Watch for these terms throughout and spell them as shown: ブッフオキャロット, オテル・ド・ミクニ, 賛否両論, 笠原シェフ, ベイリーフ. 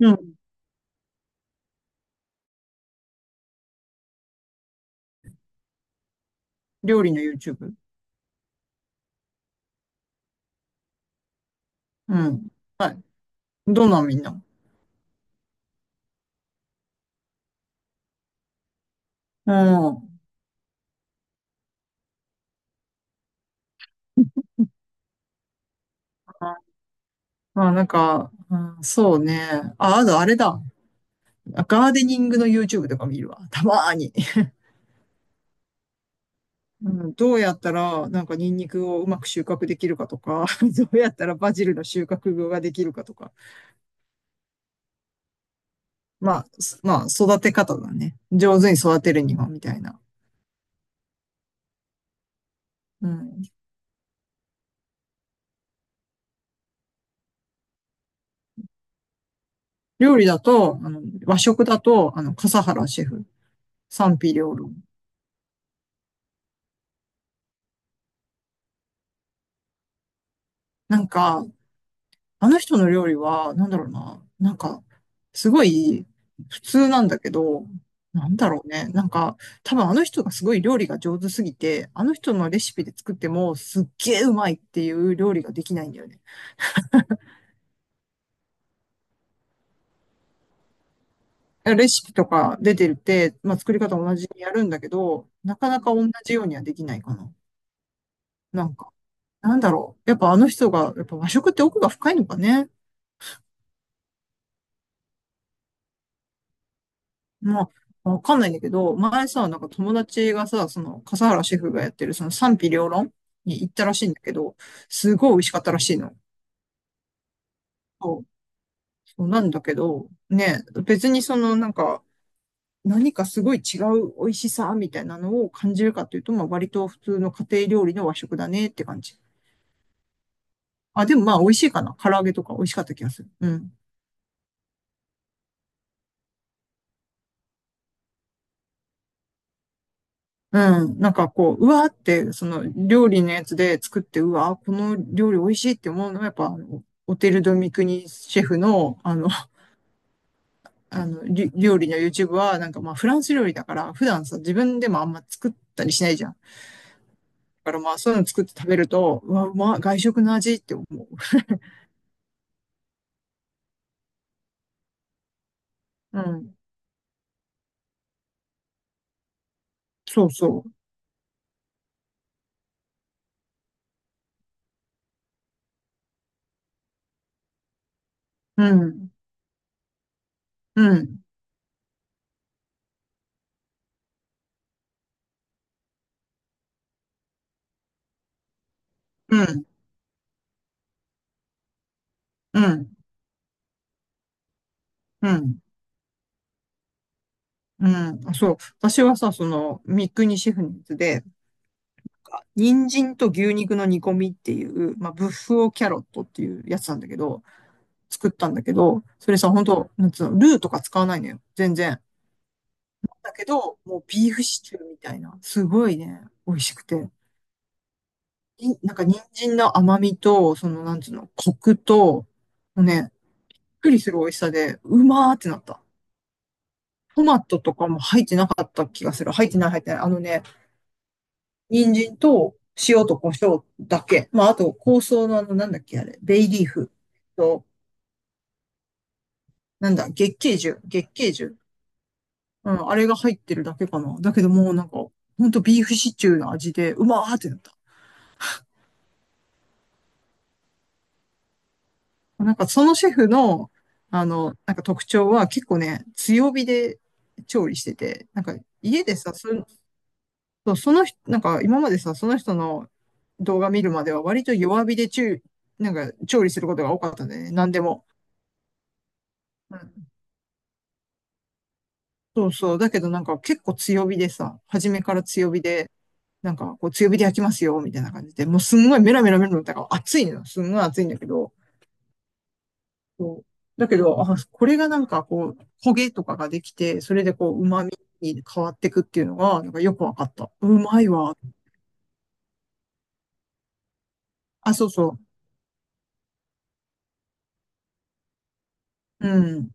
うん。料理の YouTube。うん。はい。どんなのみんな。うん。まあなんか、うん、そうね。あ、あとあれだ。ガーデニングの YouTube とか見るわ。たまーに。うん、どうやったら、なんかニンニクをうまく収穫できるかとか、どうやったらバジルの収穫ができるかとか。まあ、育て方だね。上手に育てるには、みたいな。うん。料理だと、あの、和食だと、あの、笠原シェフ。賛否両論。なんか、あの人の料理は、なんだろうな、なんか、すごい普通なんだけど、なんだろうね、なんか、多分あの人がすごい料理が上手すぎて、あの人のレシピで作ってもすっげえうまいっていう料理ができないんだよね。レシピとか出てるって、まあ、作り方同じにやるんだけど、なかなか同じようにはできないかな。なんか、なんだろう。やっぱあの人が、やっぱ和食って奥が深いのかね。まあ、わかんないんだけど、前さ、なんか友達がさ、その、笠原シェフがやってる、その賛否両論に行ったらしいんだけど、すごい美味しかったらしいの。そう、そうなんだけど、ね、別にその、なんか、何かすごい違う美味しさみたいなのを感じるかっていうと、まあ、割と普通の家庭料理の和食だねって感じ。あ、でもまあ、美味しいかな。唐揚げとか美味しかった気がする。うん。うん。なんかこう、うわーって、その料理のやつで作って、うわー、この料理美味しいって思うのは、やっぱ、あのオテル・ド・ミクニシェフの、あの、あの、料理の YouTube は、なんかまあ、フランス料理だから、普段さ、自分でもあんま作ったりしないじゃん。だからまあ、そういうの作って食べると、うわ、うまい、外食の味って思う。うん。そうそう。うん。うん。うん。うん。うん。うん。あそう。私はさ、その、ミクニシェフのやつで、人参と牛肉の煮込みっていう、まあ、ブッフオキャロットっていうやつなんだけど、作ったんだけど、それさ、本当なんつうの、ルーとか使わないのよ。全然。だけど、もうビーフシチューみたいな。すごいね、美味しくて。になんか人参の甘みと、その、なんつうの、コクと、もうね、びっくりする美味しさで、うまーってなった。トマトとかも入ってなかった気がする。入ってない、入ってない。あのね、人参と塩と胡椒だけ。まあ、あと、香草のあの、なんだっけ、あれ、ベイリーフと、なんだ、月桂樹、月桂樹。うん、あれが入ってるだけかな。だけどもうなんか、ほんとビーフシチューの味で、うまーってなった。なんか、そのシェフの、あの、なんか特徴は結構ね、強火で調理してて、なんか、家でさ、そうその人、なんか、今までさ、その人の動画見るまでは割と弱火で中、なんか、調理することが多かったんだよね。なんでも。そうそう。だけどなんか結構強火でさ、初めから強火で、なんかこう強火で焼きますよ、みたいな感じで、もうすんごいメラメラメラメラ、だから熱いのよ。すんごい熱いんだけど、そうだけど、あ、これがなんかこう、焦げとかができて、それでこう、旨味に変わってくっていうのが、なんかよくわかった。うまいわ。あ、そうそう。うん。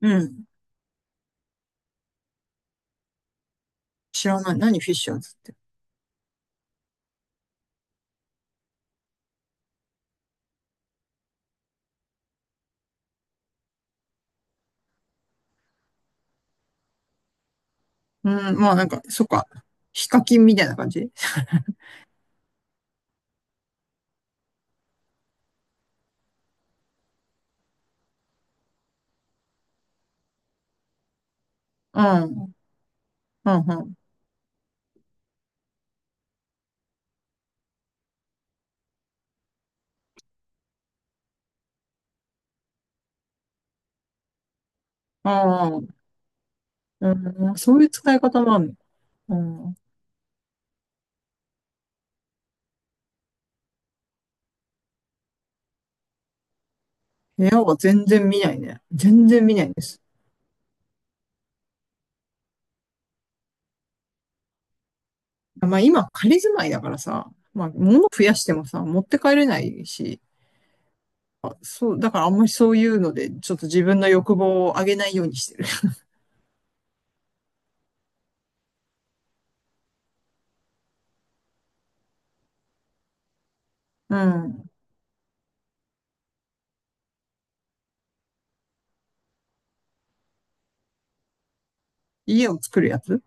うん。知らない。何フィッシャーズって。うん。まあなんか、そっか。ヒカキンみたいな感じ。うん。うん、うん。ああ。うん、そういう使い方もあるの。うん。部屋は全然見ないね。全然見ないんです。まあ今仮住まいだからさ、まあ物増やしてもさ、持って帰れないし、あそう、だからあんまりそういうので、ちょっと自分の欲望を上げないようにしてる。うん。家を作るやつ。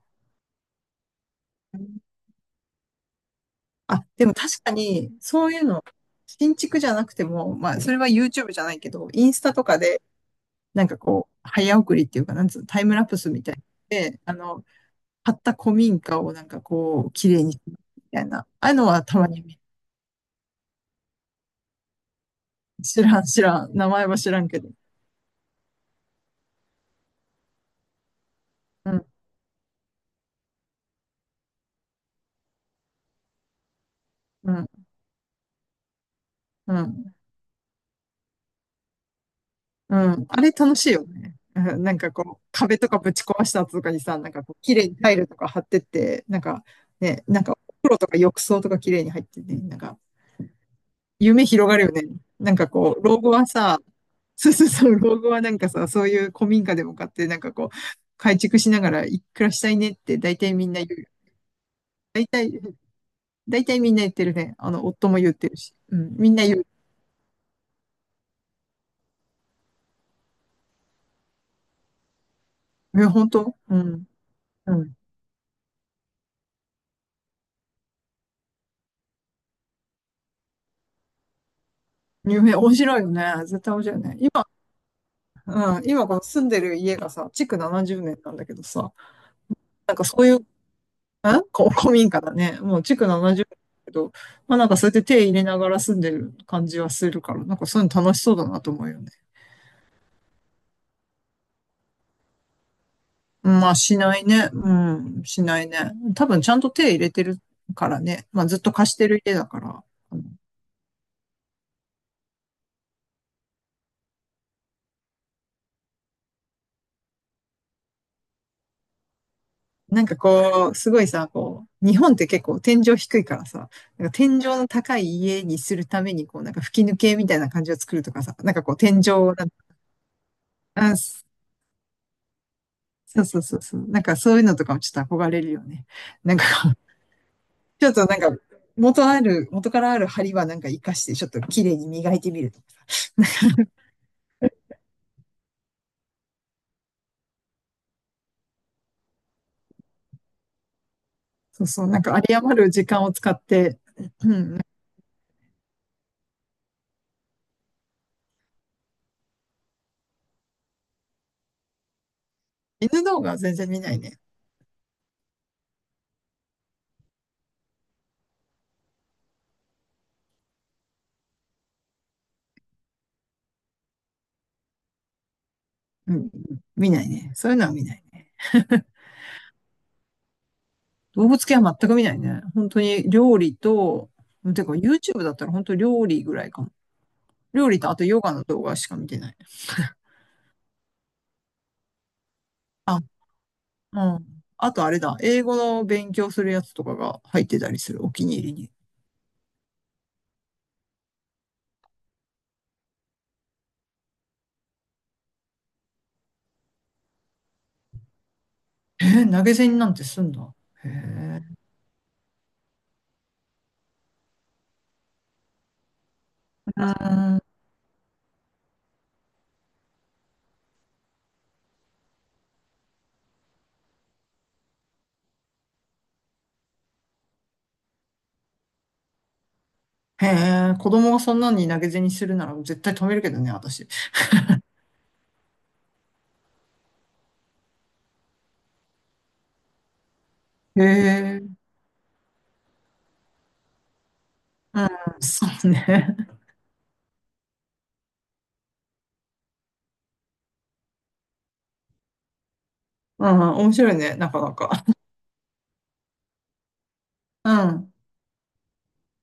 あ、でも確かに、そういうの、新築じゃなくても、まあそれは YouTube じゃないけど、インスタとかで、なんかこう、早送りっていうか、なんつうの、タイムラプスみたいで、あの、買った古民家をなんかこう、綺麗に、みたいな、ああいうのはたまに見。知らん、知らん。名前は知らんけど。うん、うん、うん、うん。あれ楽しいよね。うんなんかこう、壁とかぶち壊した後とかにさ、なんかこう、綺麗にタイルとか貼ってって、なんかね、なんかお風呂とか浴槽とか綺麗に入ってて、なんか夢広がるよね。なんかこう、老後はさ、そうそうそう、老後はなんかさ、そういう古民家でも買って、なんかこう、改築しながらいくらしたいねって大体みんな言うよ。大体、大体みんな言ってるね。あの、夫も言ってるし。うん、みんな言う。え、本当？うん。うん。夢、面白いよね。絶対面白いよね。今、うん、今この住んでる家がさ、築70年なんだけどさ、なんかそういう、ん、古民家だね。もう築70年だけど、まあなんかそうやって手入れながら住んでる感じはするから、なんかそういうの楽しそうだなと思うよね。まあしないね。うん、しないね。多分ちゃんと手入れてるからね。まあずっと貸してる家だから。なんかこう、すごいさ、こう、日本って結構天井低いからさ、なんか天井の高い家にするために、こう、なんか吹き抜けみたいな感じを作るとかさ、なんかこう、天井をなんか、あ、すそうそうそうそう、なんかそういうのとかもちょっと憧れるよね。なんかこう、ちょっとなんか、元ある、元からある梁はなんか活かして、ちょっと綺麗に磨いてみるとか。そうそう、なんか有り余る時間を使って、うん、犬動画は全然見ないね。うん、見ないね。そういうのは見ない。動物系は全く見ないね。本当に料理と、てか YouTube だったら本当料理ぐらいかも。料理とあとヨガの動画しか見てない。あ、うん。あとあれだ、英語の勉強するやつとかが入ってたりする、お気に入りに。えー投げ銭なんてすんだ。うーん。へえ、子供がそんなに投げ銭するなら絶対止めるけどね、私。へえ、そうね。うん、面白いね、なかなか。うん。